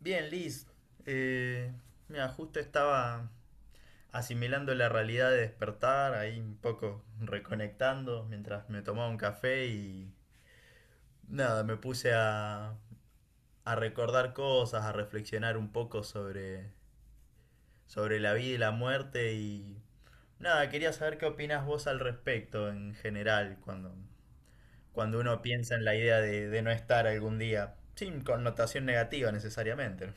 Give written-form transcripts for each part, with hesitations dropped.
Bien, Liz. Eh, mira, justo estaba asimilando la realidad de despertar, ahí un poco reconectando mientras me tomaba un café y nada, me puse a recordar cosas, a reflexionar un poco sobre la vida y la muerte y nada, quería saber qué opinas vos al respecto en general cuando uno piensa en la idea de no estar algún día, sin connotación negativa necesariamente.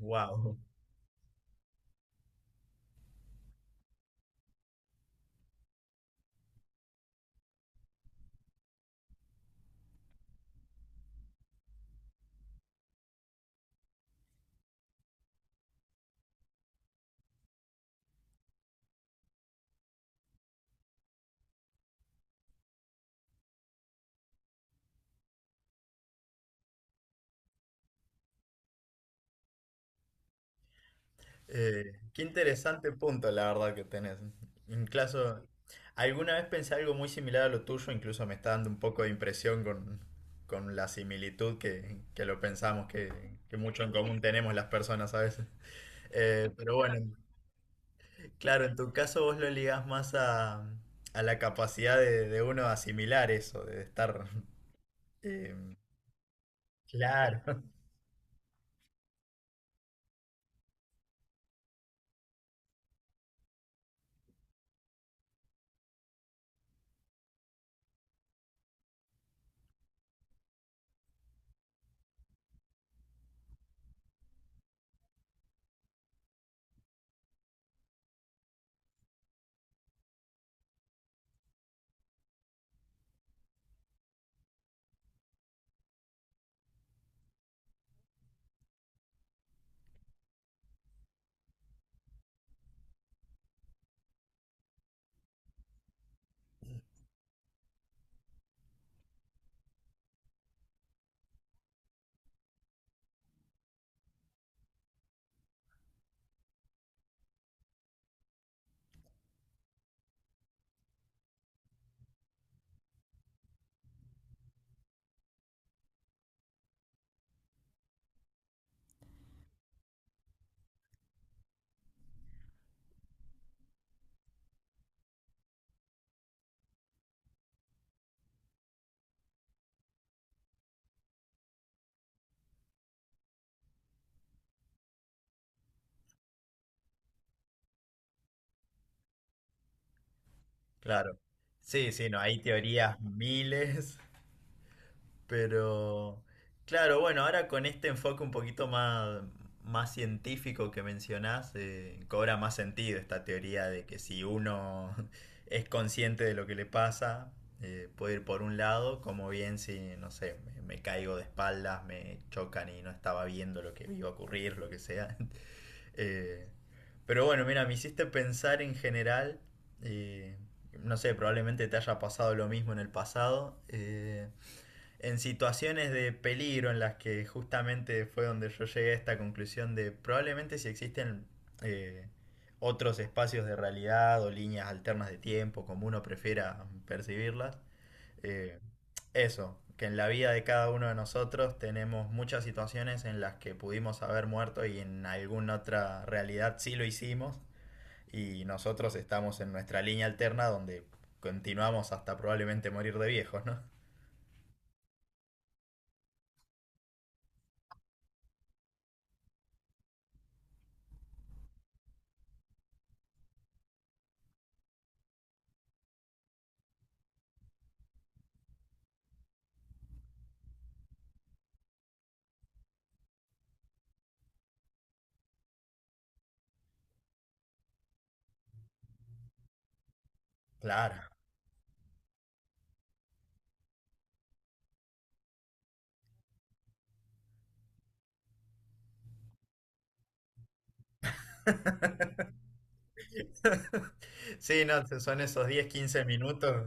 Wow. Qué interesante punto, la verdad, que tenés. Incluso, alguna vez pensé algo muy similar a lo tuyo, incluso me está dando un poco de impresión con la similitud que lo pensamos, que mucho en común tenemos las personas a veces. Pero bueno, claro, en tu caso vos lo ligás más a la capacidad de uno de asimilar eso, de estar... eh, claro, claro. Sí, sí, no, hay teorías miles. Pero, claro, bueno, ahora con este enfoque un poquito más, más científico que mencionás, cobra más sentido esta teoría de que si uno es consciente de lo que le pasa, puede ir por un lado, como bien si, no sé, me caigo de espaldas, me chocan y no estaba viendo lo que iba a ocurrir, lo que sea. Eh, pero bueno, mira, me hiciste pensar en general, eh, no sé, probablemente te haya pasado lo mismo en el pasado. En situaciones de peligro en las que justamente fue donde yo llegué a esta conclusión de probablemente si existen eh, otros espacios de realidad o líneas alternas de tiempo, como uno prefiera percibirlas, eh, eso, que en la vida de cada uno de nosotros tenemos muchas situaciones en las que pudimos haber muerto y en alguna otra realidad sí lo hicimos y nosotros estamos en nuestra línea alterna donde continuamos hasta probablemente morir de viejos, ¿no? Claro. Sí, no, son esos 10, 15 minutos.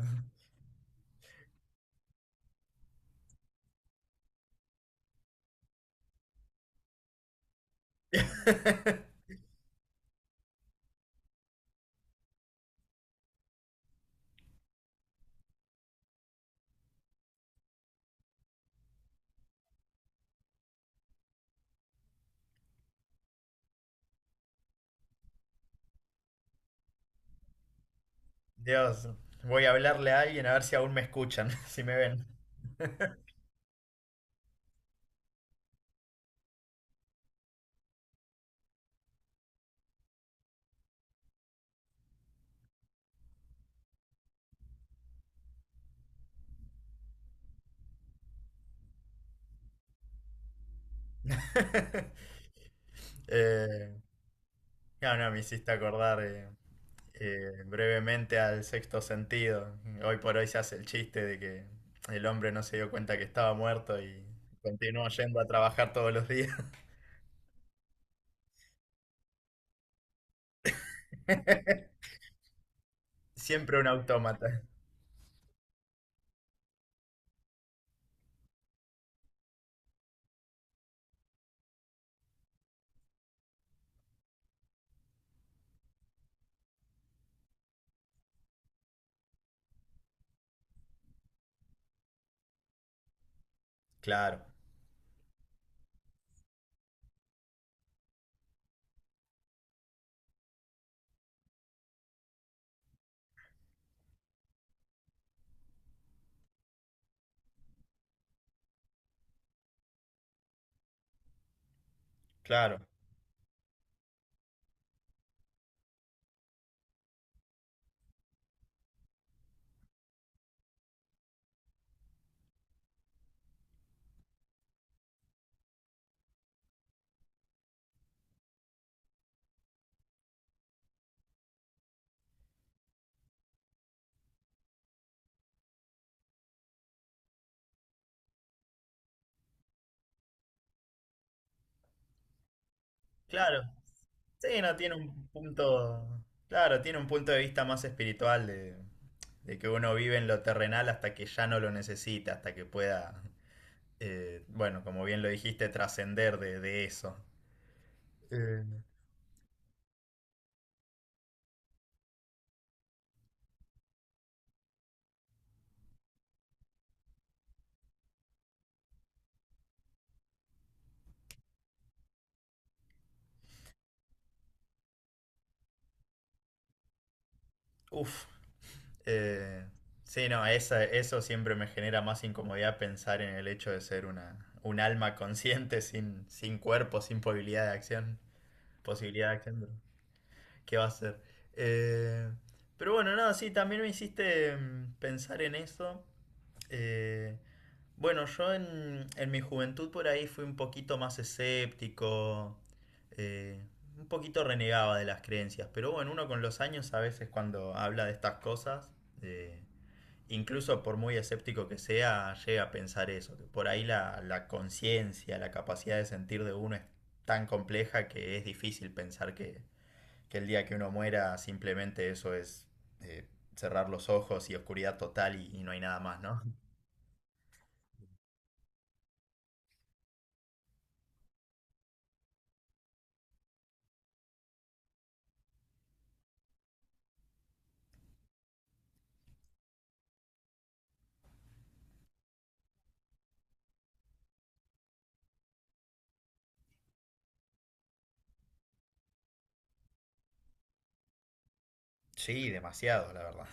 Dios, voy a hablarle a alguien a ver si aún me escuchan, si me ven. Eh, no, no, me hiciste acordar brevemente al sexto sentido. Hoy por hoy se hace el chiste de que el hombre no se dio cuenta que estaba muerto y continuó yendo a trabajar todos los días. Siempre un autómata. Claro, claro. Claro. Sí, no, tiene un punto, claro, tiene un punto de vista más espiritual de que uno vive en lo terrenal hasta que ya no lo necesita, hasta que pueda, bueno, como bien lo dijiste, trascender de eso. Eh, Uf, eh, sí, no, esa- eso siempre me genera más incomodidad pensar en el hecho de ser un alma consciente sin, sin cuerpo, sin posibilidad de acción, posibilidad de acción. ¿Qué va a ser? Eh, pero bueno, nada, sí, también me hiciste pensar en eso. Eh, bueno, yo en mi juventud por ahí fui un poquito más escéptico, eh, un poquito renegaba de las creencias, pero bueno, uno con los años a veces cuando habla de estas cosas, eh, incluso por muy escéptico que sea, llega a pensar eso, que por ahí la conciencia, la capacidad de sentir de uno es tan compleja que es difícil pensar que el día que uno muera simplemente eso es eh, cerrar los ojos y oscuridad total y no hay nada más, ¿no? Sí, demasiado, la verdad.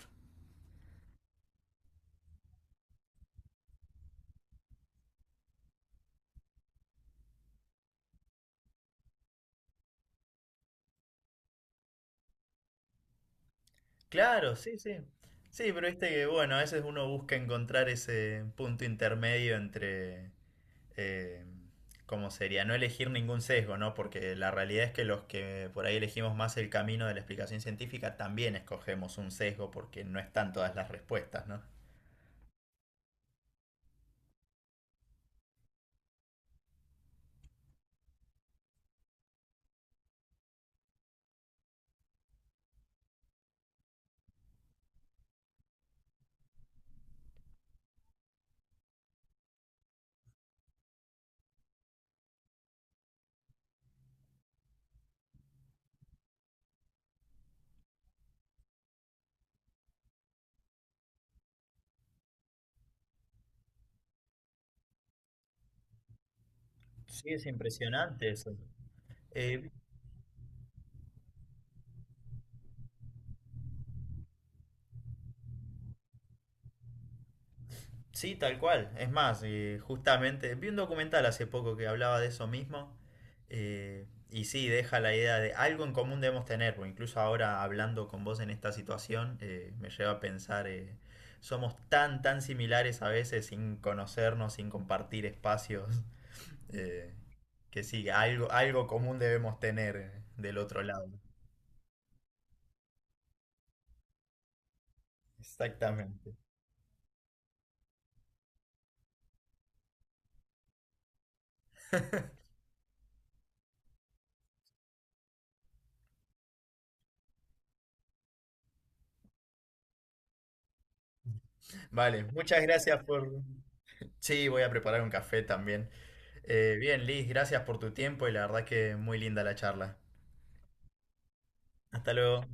Claro, sí, sí. Sí, pero viste que, bueno, a veces uno busca encontrar ese punto intermedio entre, eh, ¿cómo sería? No elegir ningún sesgo, ¿no? Porque la realidad es que los que por ahí elegimos más el camino de la explicación científica también escogemos un sesgo porque no están todas las respuestas, ¿no? Sí, es impresionante eso. Eh, Sí, tal cual. Es más, justamente vi un documental hace poco que hablaba de eso mismo. Y sí, deja la idea de algo en común debemos tener, porque incluso ahora hablando con vos en esta situación, me lleva a pensar, somos tan, tan similares a veces sin conocernos, sin compartir espacios, eh, que sí, algo, algo común debemos tener del otro lado. Exactamente. Vale, muchas gracias por... Sí, voy a preparar un café también. Bien, Liz, gracias por tu tiempo y la verdad que muy linda la charla. Hasta luego.